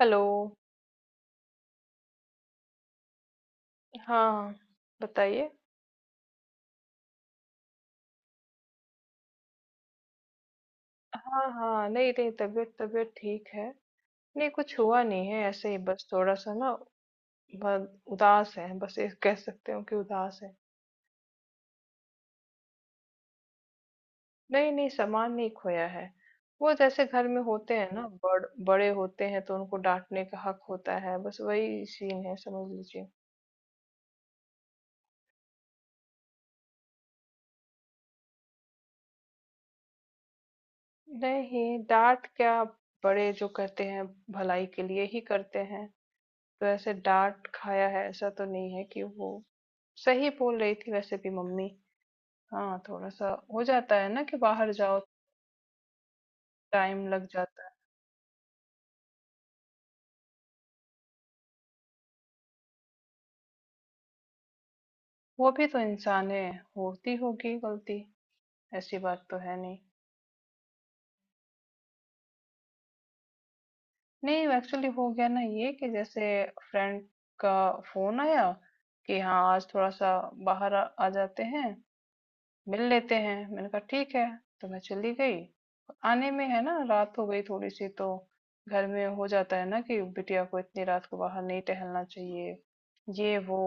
Hello. हाँ, बताइए। हाँ, हाँ। नहीं, नहीं तबीयत तबीयत ठीक है। नहीं कुछ हुआ नहीं है, ऐसे ही बस थोड़ा-सा ना ब उदास हैं, बस ये कह सकते हो कि उदास हैं। नहीं, नहीं सामान नहीं खोया है। वो जैसे घर में होते हैं ना, बड़े होते हैं तो उनको डाँटने का हक होता है, बस वही सीन है समझ लीजिए। नहीं, डाँट क्या, बड़े जो करते हैं भलाई के लिए ही करते हैं। वैसे डाँट खाया है ऐसा तो नहीं है, कि वो सही बोल रही थी वैसे भी मम्मी। हाँ, थोड़ा सा हो जाता है ना कि बाहर जाओ टाइम लग जाता है। वो भी तो इंसान है, होती होगी गलती, ऐसी बात तो है नहीं। नहीं, एक्चुअली हो गया ना ये कि जैसे फ्रेंड का फोन आया कि हाँ, आज थोड़ा सा बाहर आ जाते हैं, मिल लेते हैं। मैंने कहा ठीक है, तो मैं चली गई। आने में है ना रात हो गई थोड़ी सी, तो घर में हो जाता है ना कि बिटिया को इतनी रात को बाहर नहीं टहलना चाहिए, ये वो।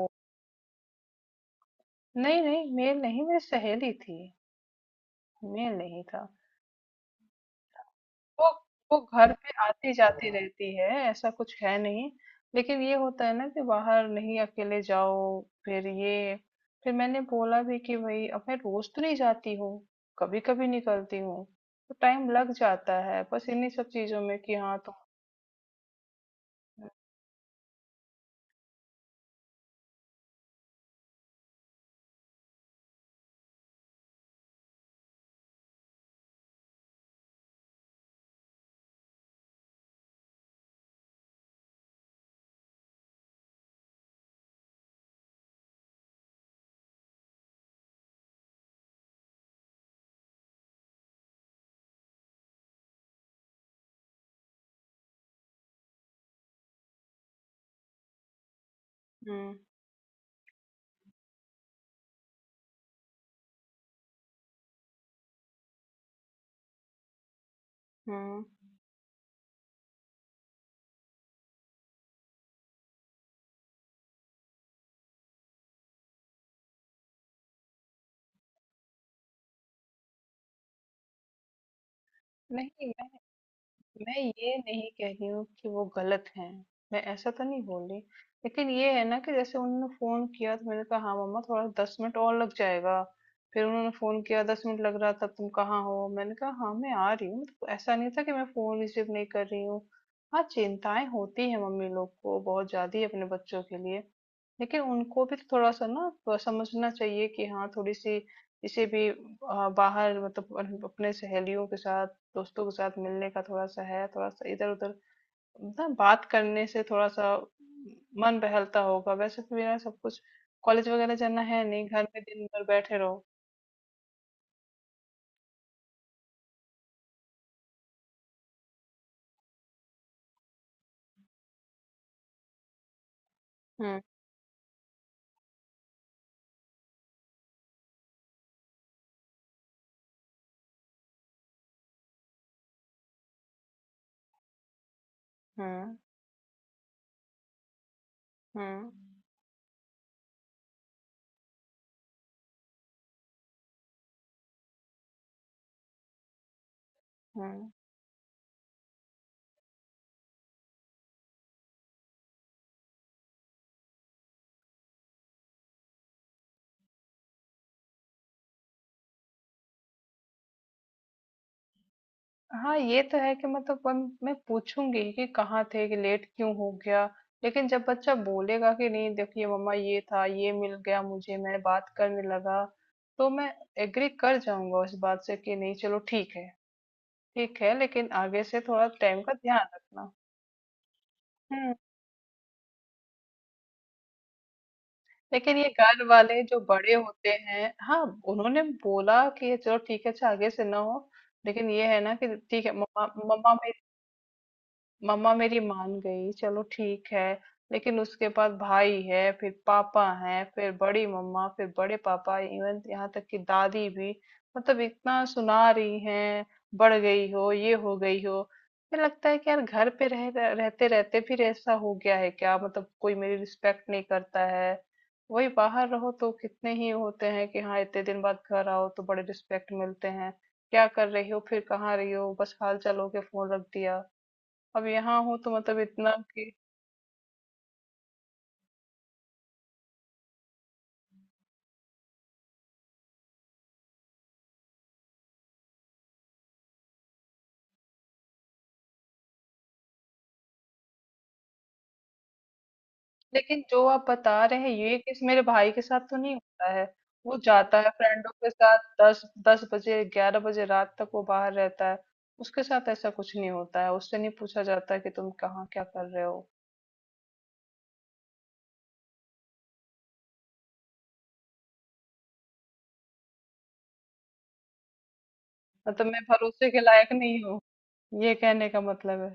नहीं नहीं, मेल नहीं, मेरी सहेली थी, मेल नहीं था। वो वो घर पे आती-जाती रहती है, ऐसा कुछ है नहीं। लेकिन ये होता है ना कि बाहर नहीं अकेले जाओ, फिर मैंने बोला भी कि भई अब मैं रोज़ तो नहीं जाती हूँ, कभी-कभी निकलती हूँ, तो टाइम लग जाता है बस इन्हीं सब चीज़ों में कि हाँ, तो। हुँ, हुँ। नहीं, मैं ये नहीं कह रही हूँ कि वो गलत हैं, मैं ऐसा तो नहीं बोल रही। लेकिन ये है ना कि जैसे उन्होंने फोन किया तो मैंने कहा हाँ मम्मा, थोड़ा 10 मिनट और लग जाएगा। फिर उन्होंने फोन किया, 10 मिनट लग रहा था, तुम कहाँ हो। मैंने कहा हाँ मैं आ रही हूँ। तो ऐसा नहीं था कि मैं फोन रिसीव नहीं कर रही हूँ। हाँ, चिंताएं होती है मम्मी लोग को बहुत ज्यादा ही अपने बच्चों के लिए, लेकिन उनको भी तो थोड़ा सा ना समझना चाहिए कि हाँ, थोड़ी सी इसे भी बाहर मतलब अपने सहेलियों के साथ, दोस्तों के साथ मिलने का थोड़ा सा है, थोड़ा सा इधर उधर ना बात करने से थोड़ा सा मन बहलता होगा। वैसे तो मेरा सब कुछ, कॉलेज वगैरह जाना है नहीं, घर में दिन भर बैठे रहो। हम्म। हम्म। हम्म। हम्म। हाँ, ये तो है कि मतलब, मैं पूछूंगी कि कहाँ थे, कि लेट क्यों हो गया। लेकिन जब बच्चा बोलेगा कि नहीं देखिए मम्मा, ये था ये मिल गया मुझे, मैं बात करने लगा, तो मैं एग्री कर जाऊंगा उस बात से कि नहीं चलो ठीक है। ठीक है, लेकिन आगे से थोड़ा टाइम का ध्यान रखना। हम्म। लेकिन ये घर वाले जो बड़े होते हैं हाँ, उन्होंने बोला कि ये चलो ठीक है, अच्छा आगे से ना हो, लेकिन ये है ना कि ठीक है मम्मा, मम्मा मम्मा मेरी मान गई चलो ठीक है। लेकिन उसके बाद भाई है, फिर पापा है, फिर बड़ी मम्मा, फिर बड़े पापा, इवन यहाँ तक कि दादी भी, मतलब इतना सुना रही हैं। बढ़ गई हो, ये हो गई हो। मुझे लगता है कि यार घर पे रह रह- रहते रहते फिर ऐसा हो गया है क्या, मतलब कोई मेरी रिस्पेक्ट नहीं करता है। वही बाहर रहो तो कितने ही होते हैं कि हाँ, इतने दिन बाद घर आओ तो बड़े रिस्पेक्ट मिलते हैं। क्या कर रही हो, फिर कहाँ रही हो, बस हाल चाल हो के फोन रख दिया। अब यहाँ हूँ तो मतलब इतना कि। लेकिन जो आप बता रहे हैं ये, किस, मेरे भाई के साथ तो नहीं होता है। वो जाता है फ्रेंडों के साथ, दस दस बजे 11 बजे रात तक वो बाहर रहता है, उसके साथ ऐसा कुछ नहीं होता है, उससे नहीं पूछा जाता कि तुम कहाँ क्या कर रहे हो। मतलब मैं भरोसे के लायक नहीं हूँ, ये कहने का मतलब है।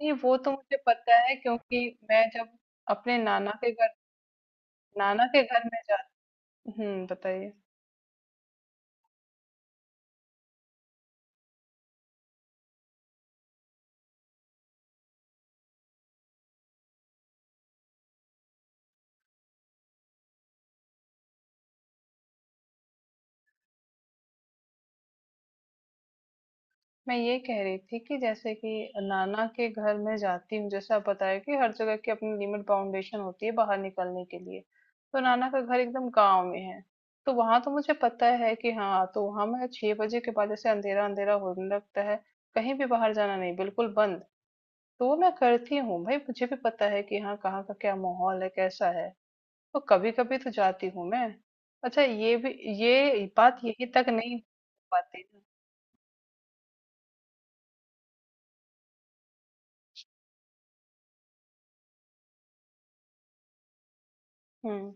नहीं, वो तो मुझे पता है, क्योंकि मैं जब अपने नाना के घर में जा हम्म, बताइए। मैं ये कह रही थी कि जैसे कि नाना के घर में जाती हूँ, जैसे आप बताया कि हर जगह की अपनी लिमिट बाउंडेशन होती है बाहर निकलने के लिए, तो नाना का घर एकदम गांव में है, तो वहां तो मुझे पता है कि हाँ। तो वहां मैं 6 बजे के बाद जैसे अंधेरा अंधेरा होने लगता है, कहीं भी बाहर जाना नहीं, बिल्कुल बंद। तो वो मैं करती हूँ, भाई मुझे भी पता है कि हाँ कहाँ का क्या माहौल है, कैसा है। तो कभी कभी तो जाती हूँ मैं। अच्छा ये बात यही तक नहीं हो पाती। हम्म।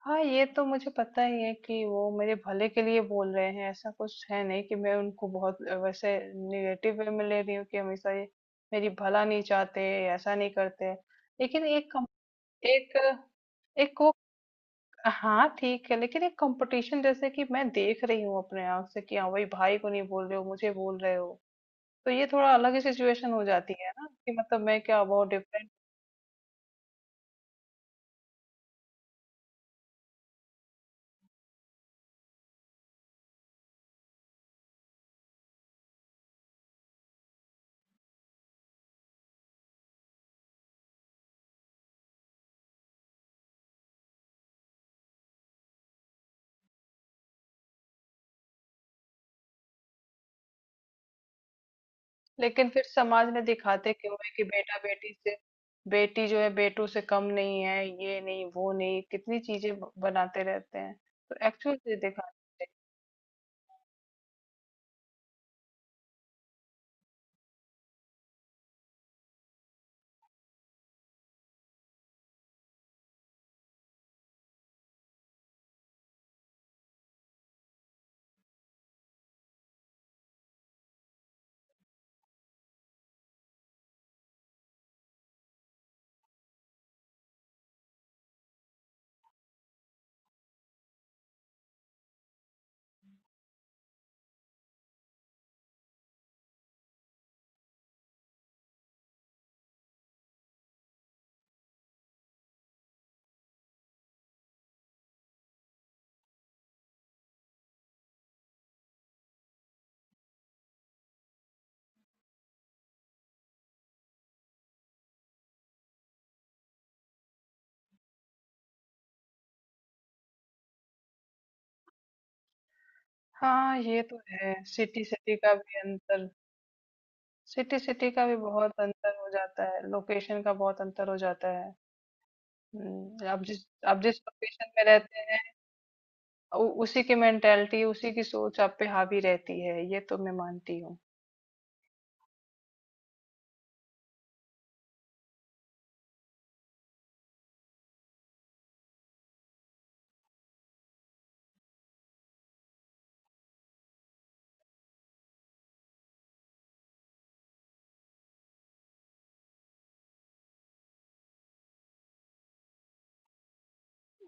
हाँ, ये तो मुझे पता ही है कि वो मेरे भले के लिए बोल रहे हैं, ऐसा कुछ है नहीं कि मैं उनको बहुत वैसे निगेटिव वे में ले रही हूँ कि हमेशा ये मेरी भला नहीं चाहते, ऐसा नहीं करते। लेकिन एक कम- एक एक वो हाँ ठीक है, लेकिन एक कंपटीशन जैसे कि मैं देख रही हूँ अपने आंख से कि हाँ, भाई भाई को नहीं बोल रहे हो, मुझे बोल रहे हो। तो ये थोड़ा अलग ही सिचुएशन हो जाती है ना, कि मतलब मैं क्या बहुत डिफरेंट। लेकिन फिर समाज में दिखाते क्यों है कि बेटा बेटी से बेटी जो है बेटों से कम नहीं है, ये नहीं वो नहीं कितनी चीजें बनाते रहते हैं, तो एक्चुअल से दिखाते हैं। हाँ, ये तो है, सिटी सिटी का भी अंतर सिटी सिटी का भी बहुत अंतर हो जाता है, लोकेशन का बहुत अंतर हो जाता है। आप जिस लोकेशन में रहते हैं, उसी की मेंटेलिटी, उसी की सोच आप पे हावी रहती है, ये तो मैं मानती हूँ।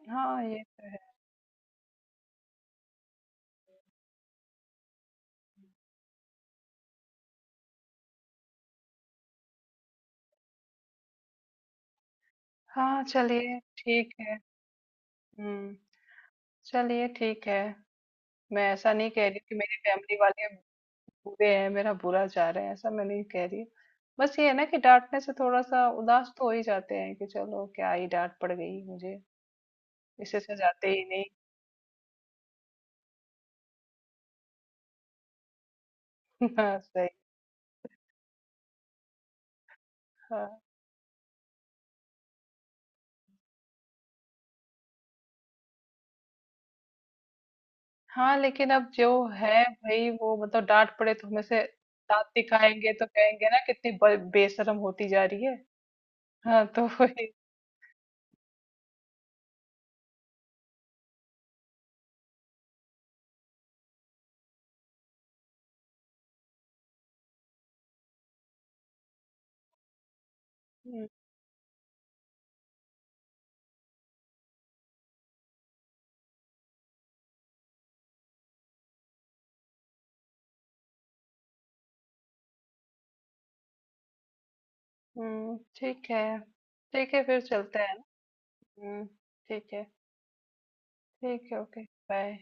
हाँ ये हाँ, चलिए ठीक है। हम्म, चलिए ठीक है। मैं ऐसा नहीं कह रही कि मेरी फैमिली वाले बुरे हैं, मेरा बुरा चाह रहे हैं, ऐसा मैं नहीं कह रही। बस ये है ना कि डाँटने से थोड़ा-सा उदास तो हो ही जाते हैं, कि चलो क्या ही डाँट पड़ गई मुझे, इससे अच्छा जाते ही नहीं। हाँ, सही। हाँ। हाँ, लेकिन अब जो है भई, वो मतलब डाँट पड़े तो हमें से दाँत दिखाएँगे तो कहेंगे ना कितनी ब बेशर्म होती जा रही है। हाँ, तो वही। हुँ, हुँ, ठीक है। ठीक है, फिर चलते हैं। हुँ, ठीक है। ठीक है, ओके, बाय।